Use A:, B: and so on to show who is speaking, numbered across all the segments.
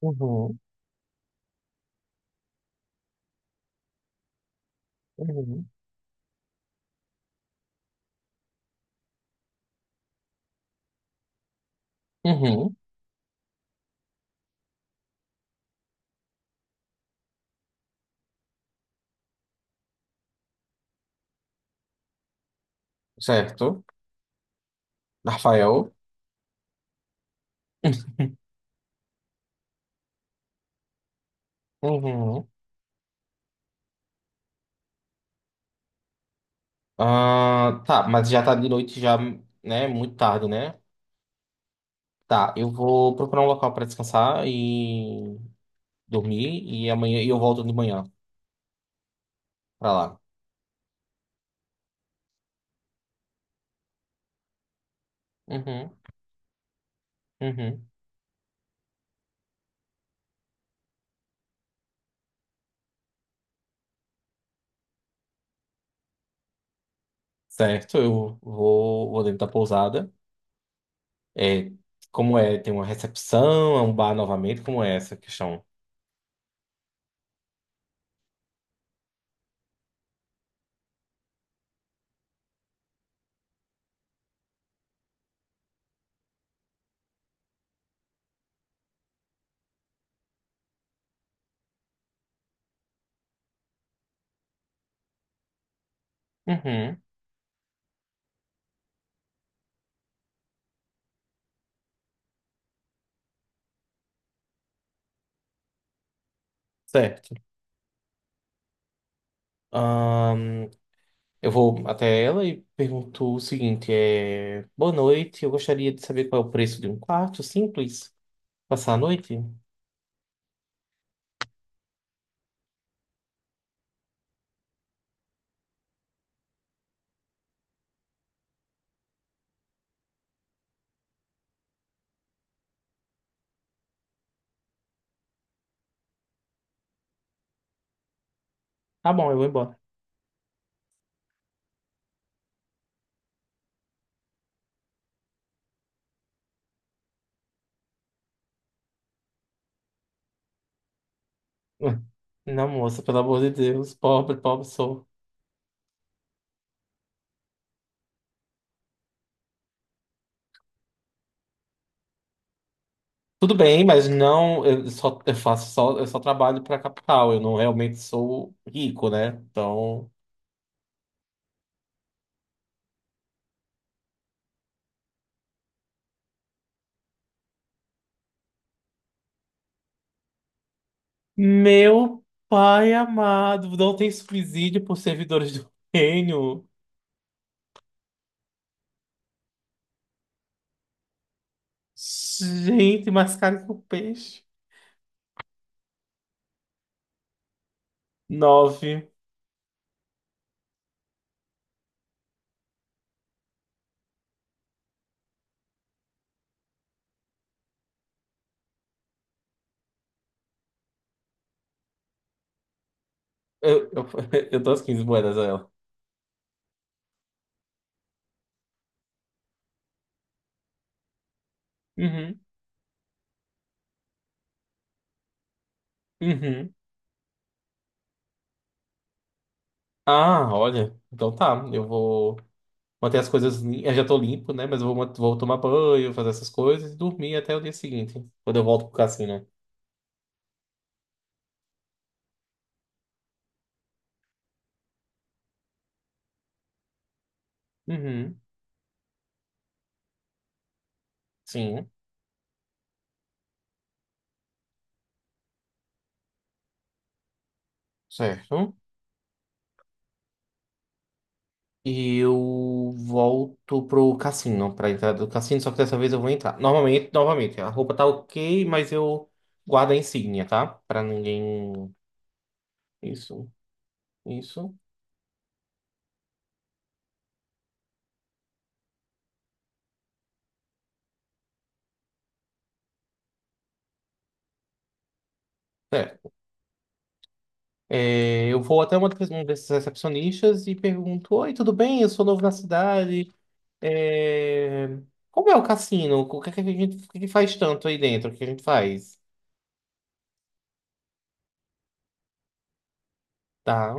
A: Uhum, uhum, uhum, certo. Rafael. Uhum. Ah, tá, mas já tá de noite, já, né? Muito tarde, né? Tá, eu vou procurar um local pra descansar e dormir e amanhã e eu volto de manhã pra lá. Uhum, uhum. Certo, eu vou dentro da pousada. É, como é? Tem uma recepção, é um bar novamente, como é essa questão? Uhum, certo. Eu vou até ela e pergunto o seguinte: é, boa noite, eu gostaria de saber qual é o preço de um quarto simples. Passar a noite? Tá bom, eu vou embora. Não, moça, pelo amor de Deus, pobre, pobre sou. Tudo bem, mas não, eu só eu faço só, eu só trabalho para capital, eu não realmente sou rico, né? Então, meu pai amado, não tem subsídio por servidores do reino. Gente, mais caro que o peixe. Nove. Eu, eu dou as 15 moedas a ela. Uhum, uhum. Ah, olha. Então tá, eu vou manter as coisas limpas. Eu já tô limpo, né? Mas eu vou tomar banho, fazer essas coisas e dormir até o dia seguinte, quando eu volto pro cassino. Uhum, sim, certo. E eu volto pro cassino, pra entrada do cassino, só que dessa vez eu vou entrar. Normalmente, novamente, a roupa tá ok, mas eu guardo a insígnia, tá? Pra ninguém. Isso, isso. Certo. É, eu vou até um desses recepcionistas e pergunto: oi, tudo bem? Eu sou novo na cidade. É, como é o cassino? O que é que a gente, o que é que faz tanto aí dentro? O que a gente faz? Tá.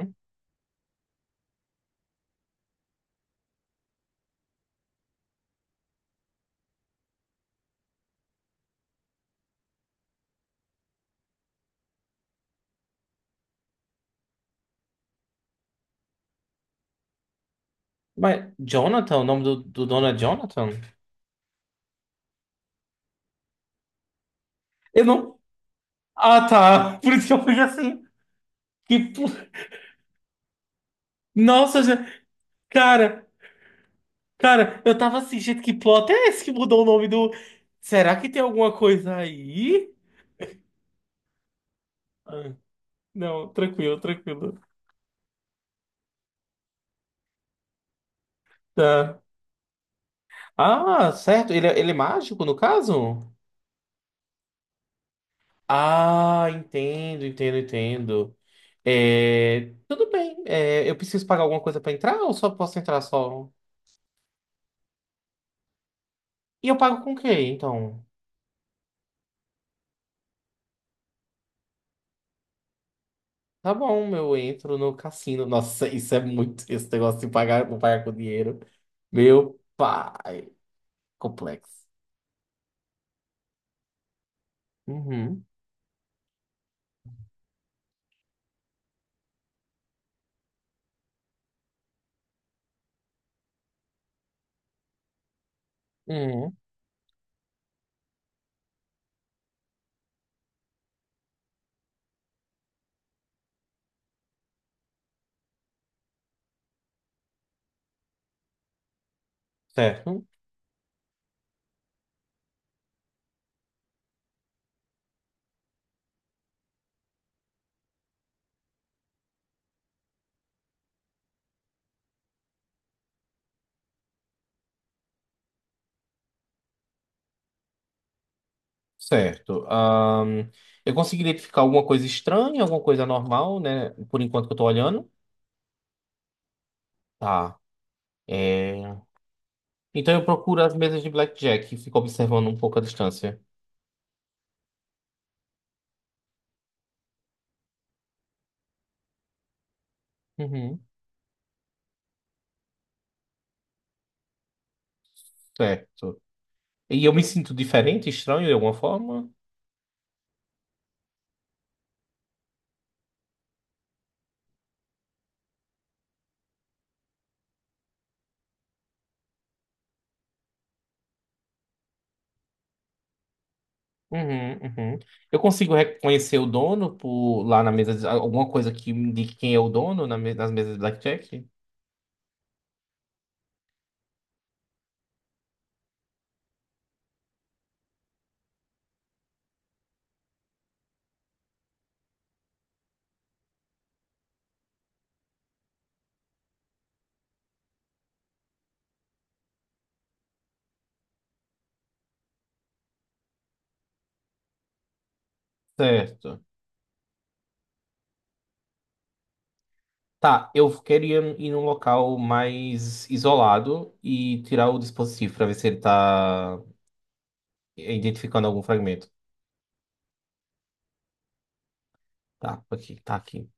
A: Mas Jonathan, o nome do dono é Jonathan? Eu não. Ah, tá. Por isso que eu fui assim. Que... pl- Nossa, já- cara, cara, eu tava assim, gente, que plot é esse que mudou o nome do. Será que tem alguma coisa aí? Ah, não, tranquilo, tranquilo. Tá. Ah, certo. Ele, ele é mágico, no caso? Ah, entendo, entendo, entendo. É, tudo bem. É, eu preciso pagar alguma coisa pra entrar ou só posso entrar só? E eu pago com o quê, então? Tá bom, eu entro no cassino. Nossa, isso é muito. Esse negócio de pagar, vou pagar com dinheiro. Meu pai. Complexo. Uhum. Uhum. Certo. Certo. Eu consegui identificar alguma coisa estranha, alguma coisa normal, né? Por enquanto que eu tô olhando. Tá. É, então eu procuro as mesas de blackjack e fico observando um pouco a distância. Uhum, certo. E eu me sinto diferente, estranho de alguma forma? Uhum, uhum. Eu consigo reconhecer o dono por lá na mesa, alguma coisa que me indique quem é o dono nas mesas de blackjack? Certo. Tá, eu queria ir num local mais isolado e tirar o dispositivo para ver se ele tá identificando algum fragmento. Tá, aqui, tá aqui.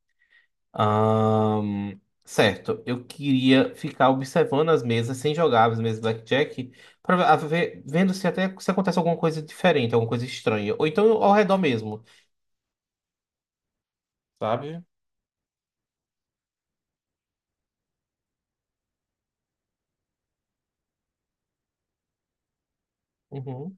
A: Certo, eu queria ficar observando as mesas sem jogar as mesas Blackjack, para ver, vendo se até se acontece alguma coisa diferente, alguma coisa estranha, ou então ao redor mesmo, sabe? Uhum,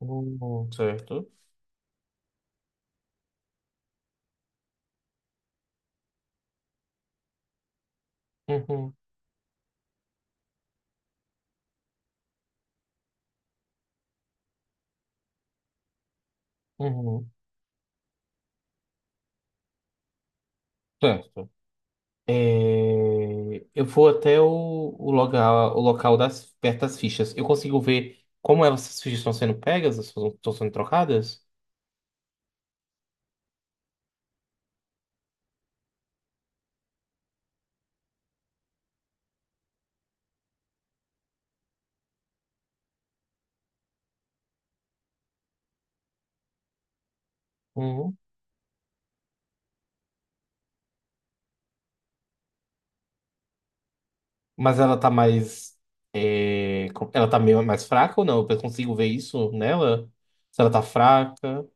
A: uhum, certo. Uhum, uhum, certo. É, eu vou até o local, perto das fichas. Eu consigo ver como essas fichas estão sendo pegas, estão sendo trocadas? Mas ela tá mais, é, ela tá meio mais fraca ou não? Eu consigo ver isso nela? Se ela tá fraca.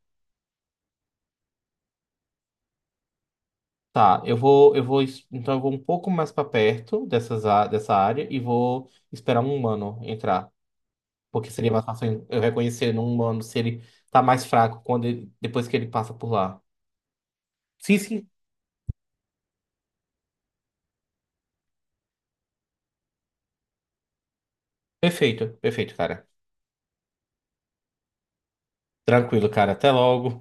A: Tá, então eu vou um pouco mais pra perto dessas, dessa área e vou esperar um humano entrar, porque seria mais fácil eu reconhecer num humano se ele tá mais fraco depois que ele passa por lá. Sim, sim, perfeito, perfeito, cara. Tranquilo, cara. Até logo.